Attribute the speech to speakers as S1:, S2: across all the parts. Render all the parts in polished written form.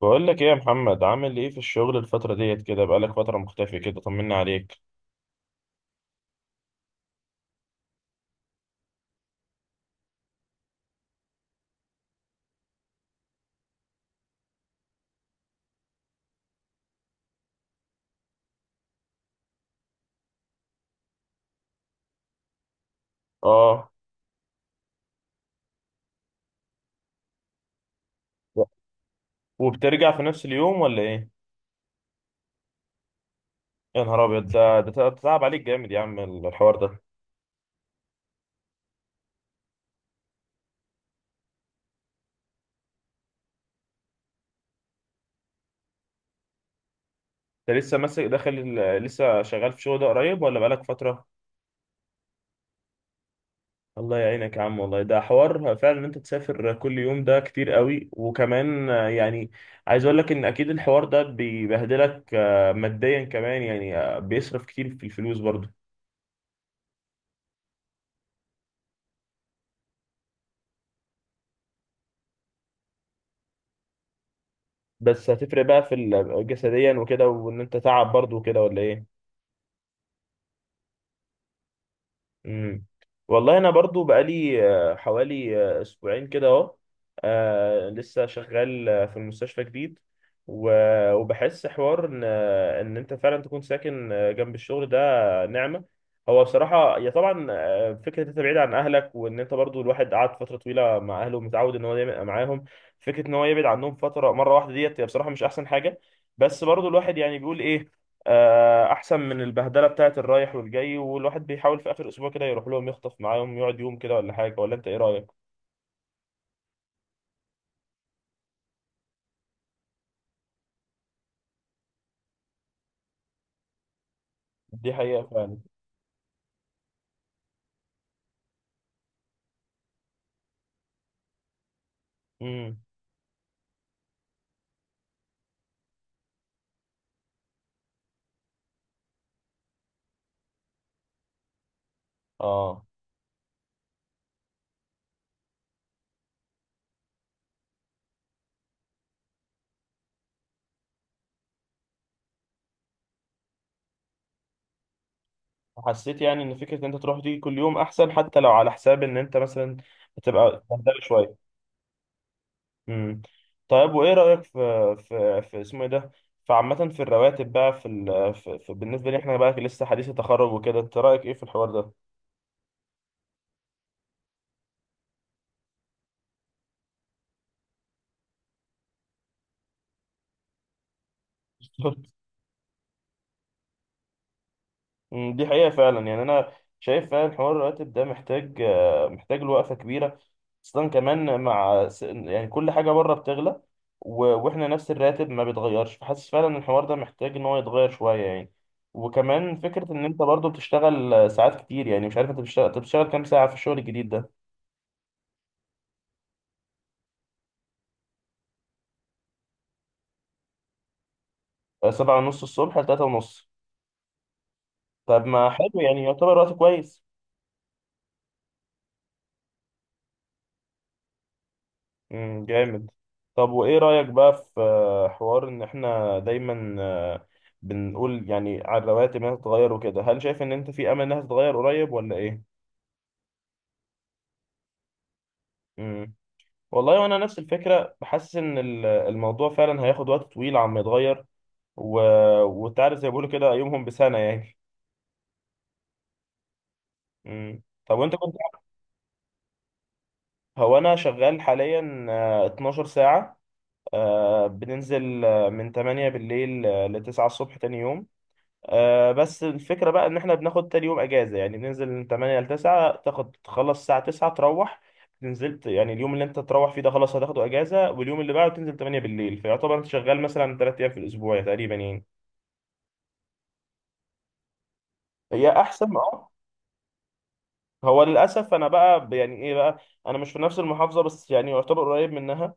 S1: بقول لك ايه يا محمد، عامل ايه في الشغل الفترة ديت كده؟ بقالك فترة مختفي كده، طمنا عليك. اه، وبترجع في نفس اليوم ولا ايه؟ يا نهار ابيض. ده. تعب عليك جامد يا عم، الحوار ده. انت لسه ماسك داخل لسه شغال في شغل ده قريب ولا بقالك فترة؟ الله يعينك يا عم، والله ده حوار فعلا. ان انت تسافر كل يوم ده كتير قوي، وكمان يعني عايز اقول لك ان اكيد الحوار ده بيبهدلك ماديا كمان، يعني بيصرف كتير في الفلوس برضه. بس هتفرق بقى في جسديا وكده، وان انت تعب برضو وكده، ولا ايه؟ امم. والله انا برضو بقالي حوالي اسبوعين كده اهو. لسه شغال في المستشفى جديد. و- وبحس حوار ان انت فعلا تكون ساكن جنب الشغل ده، نعمة. هو بصراحة يا طبعا فكرة انت بعيد عن اهلك، وان انت برضو الواحد قعد فترة طويلة مع اهله، ومتعود ان هو دايما يبقى معاهم. فكرة ان هو يبعد عنهم فترة مرة واحدة ديت هي بصراحة مش احسن حاجة. بس برضو الواحد يعني بيقول ايه، احسن من البهدله بتاعت الرايح والجاي، والواحد بيحاول في اخر اسبوع كده يروح لهم، يخطف معاهم يقعد يوم كده ولا حاجه. ولا انت ايه رايك؟ دي حقيقه فعلا. امم. اه، حسيت يعني ان فكره ان انت تروح دي كل يوم احسن، حتى لو على حساب ان انت مثلا بتبقى بهدله شويه. امم. طيب وايه رايك في اسمه ايه ده، فعامة في الرواتب بقى، في بالنسبة لي احنا بقى لسه حديث التخرج وكده، انت رأيك ايه في الحوار ده؟ مم، دي حقيقة فعلا. يعني أنا شايف فعلا حوار الراتب ده محتاج له وقفة كبيرة، خاصة كمان مع يعني كل حاجة بره بتغلى. و- وإحنا نفس الراتب ما بيتغيرش، فحاسس فعلا إن الحوار ده محتاج إن هو يتغير شوية يعني. وكمان فكرة إن أنت برضه بتشتغل ساعات كتير، يعني مش عارف. أنت بتشتغل كام ساعة في الشغل الجديد ده؟ 7:30 الصبح ل3:30. طب ما حلو يعني، يعتبر وقت كويس. امم، جامد. طب وايه رأيك بقى في، حوار ان احنا دايما، بنقول يعني على الرواتب انها تتغير وكده، هل شايف ان انت في امل انها تتغير قريب ولا ايه؟ امم. والله وانا نفس الفكرة، بحس ان الموضوع فعلا هياخد وقت طويل عم يتغير. و... وتعرف زي ما بيقولوا كده، يومهم بسنة يعني. امم. طب وانت كنت. هو انا شغال حاليا 12 ساعة، بننزل من 8 بالليل ل 9 الصبح تاني يوم. بس الفكرة بقى ان احنا بناخد تاني يوم اجازة يعني، بننزل من 8 ل 9، تاخد تخلص الساعة 9 تروح، نزلت يعني. اليوم اللي انت تروح فيه ده خلاص هتاخده اجازة، واليوم اللي بعده تنزل 8 بالليل، فيعتبر انت شغال مثلا 3 ايام في الاسبوع تقريبا يعني. هي احسن، اه. هو للاسف انا بقى يعني ايه بقى، انا مش في نفس المحافظة بس يعني يعتبر قريب منها،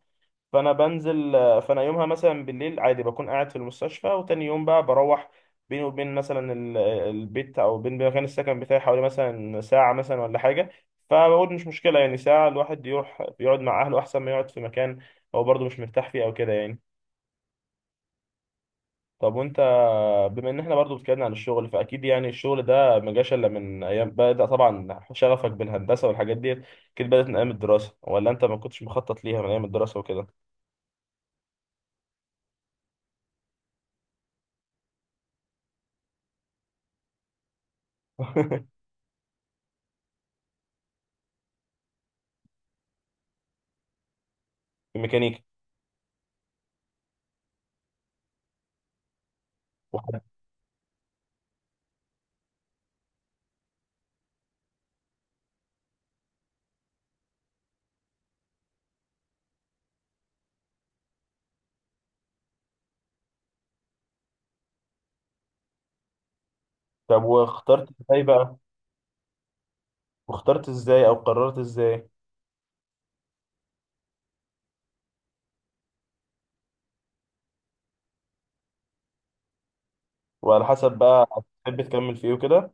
S1: فانا بنزل. فانا يومها مثلا بالليل عادي بكون قاعد في المستشفى، وتاني يوم بقى بروح. بيني وبين مثلا البيت او بين مكان السكن بتاعي حوالي مثلا ساعة مثلا، ولا حاجة. فبقول مش مشكلة يعني، ساعة الواحد يروح يقعد مع اهله احسن ما يقعد في مكان هو برضه مش مرتاح فيه او كده يعني. طب وانت، بما ان احنا برضه اتكلمنا عن الشغل، فاكيد يعني الشغل ده ما جاش الا من ايام. بدأ طبعا شغفك بالهندسة والحاجات ديت كده بدأت من ايام الدراسة، ولا انت ما كنتش مخطط ليها من ايام الدراسة وكده؟ في ميكانيكا. طب واخترت ازاي بقى؟ واخترت ازاي او قررت ازاي؟ وعلى حسب بقى، هتحب تكمل في ايه وكده؟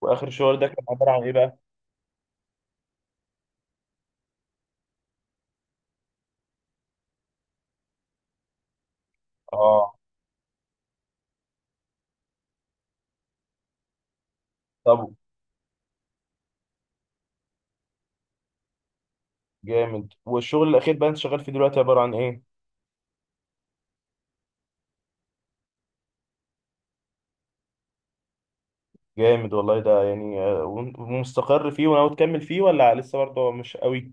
S1: واخر شغل ده كان عبارة عن ايه بقى؟ اه، طب. جامد. والشغل الاخير بقى انت شغال فيه دلوقتي عبارة عن ايه؟ جامد والله. ده يعني. ومستقر فيه وناوي تكمل فيه، ولا لسه برضه مش قوي؟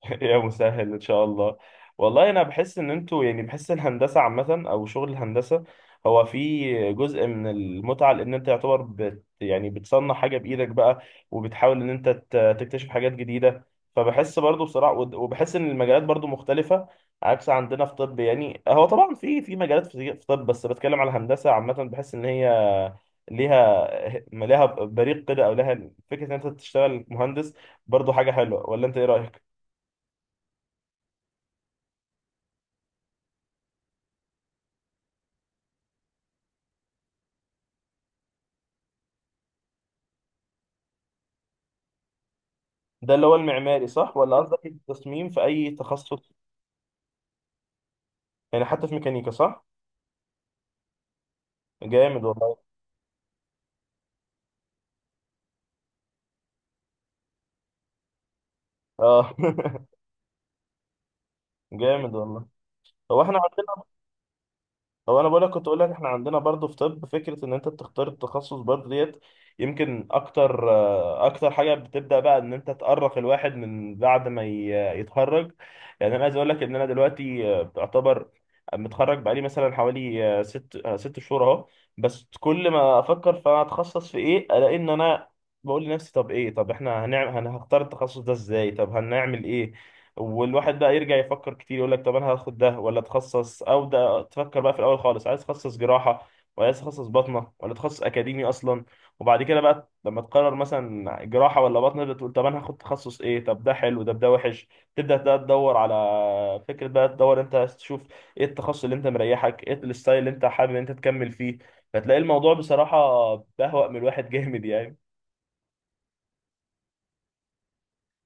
S1: يا مسهل ان شاء الله. والله انا بحس ان انتوا يعني، بحس الهندسه عامه او شغل الهندسه هو في جزء من المتعه، لان انت يعتبر يعني بتصنع حاجه بايدك بقى، وبتحاول ان انت تكتشف حاجات جديده. فبحس برضو بصراحه، ود- وبحس ان المجالات برضو مختلفه عكس عندنا في طب. يعني هو طبعا في، في مجالات في في طب، بس بتكلم على الهندسه عامه، بحس ان هي ليها ليها بريق كده، او لها فكره ان انت تشتغل مهندس برضو حاجه حلوه، ولا انت ايه رايك؟ ده اللي هو المعماري صح، ولا قصدك التصميم في اي تخصص؟ يعني حتى في ميكانيكا صح؟ جامد والله، اه. جامد والله. هو احنا. هو انا بقولك، كنت اقولك احنا عندنا برضو في طب فكره ان انت بتختار التخصص برضو ديت. يمكن اكتر، اكتر حاجه بتبدا بقى ان انت تقرق الواحد من بعد ما يتخرج. يعني انا عايز اقولك ان انا دلوقتي بعتبر متخرج بقالي مثلا حوالي ست شهور اهو. بس كل ما افكر، فانا هتخصص في ايه؟ الاقي ان انا بقول لنفسي، طب ايه؟ طب احنا هنعمل هنختار التخصص ده ازاي؟ طب هنعمل ايه؟ والواحد بقى يرجع يفكر كتير، يقول لك طب انا هاخد ده ولا اتخصص، او ده. تفكر بقى في الاول خالص عايز اتخصص جراحه، ولا عايز اتخصص باطنه، ولا اتخصص اكاديمي اصلا. وبعد كده بقى لما تقرر مثلا جراحه ولا باطنه، بتقول طب انا هاخد تخصص ايه، طب ده حلو ده وحش. تبدا بقى تدور على فكره بقى، تدور انت عايز تشوف ايه التخصص اللي انت مريحك، ايه الستايل اللي انت حابب ان انت تكمل فيه. فتلاقي الموضوع بصراحه بهوأ من الواحد. جامد يعني.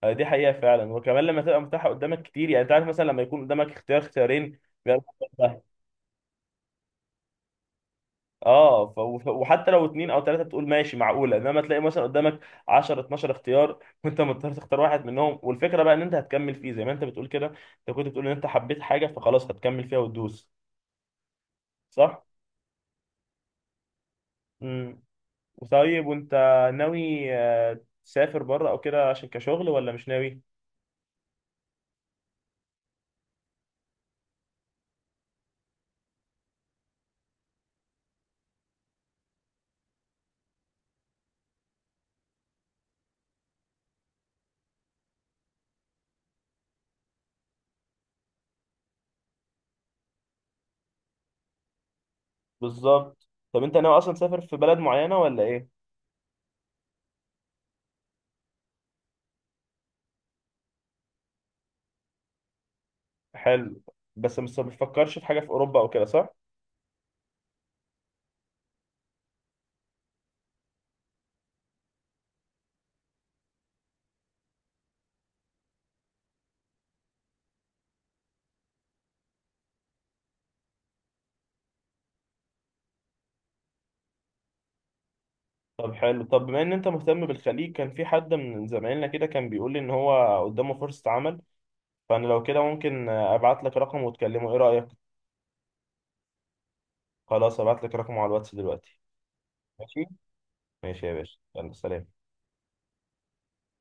S1: دي حقيقة فعلا. وكمان لما تبقى متاحة قدامك كتير، يعني انت عارف مثلا لما يكون قدامك اختيار اختيارين، بيبقى الموضوع سهل. اه، وحتى لو 2 او 3 تقول ماشي معقولة، انما تلاقي مثلا قدامك 10 12 اختيار وانت مضطر تختار واحد منهم، والفكرة بقى ان انت هتكمل فيه زي ما انت بتقول كده. انت كنت بتقول ان انت حبيت حاجة فخلاص هتكمل فيها وتدوس، صح؟ امم. طيب وانت ناوي تسافر بره او كده عشان كشغل، ولا مش ناوي؟ بالظبط. طب انت ناوي اصلا تسافر في بلد معينة ولا ايه؟ حلو. بس ما بتفكرش في حاجة في أوروبا أو كده، صح؟ طب حلو. طب بما إن أنت مهتم بالخليج، كان في حد من زمايلنا كده كان بيقول لي إن هو قدامه فرصة عمل، فأنا لو كده ممكن أبعت لك رقمه وتكلمه، إيه رأيك؟ خلاص، أبعت لك رقمه على الواتس دلوقتي. ماشي؟ ماشي يا باشا، يلا سلام.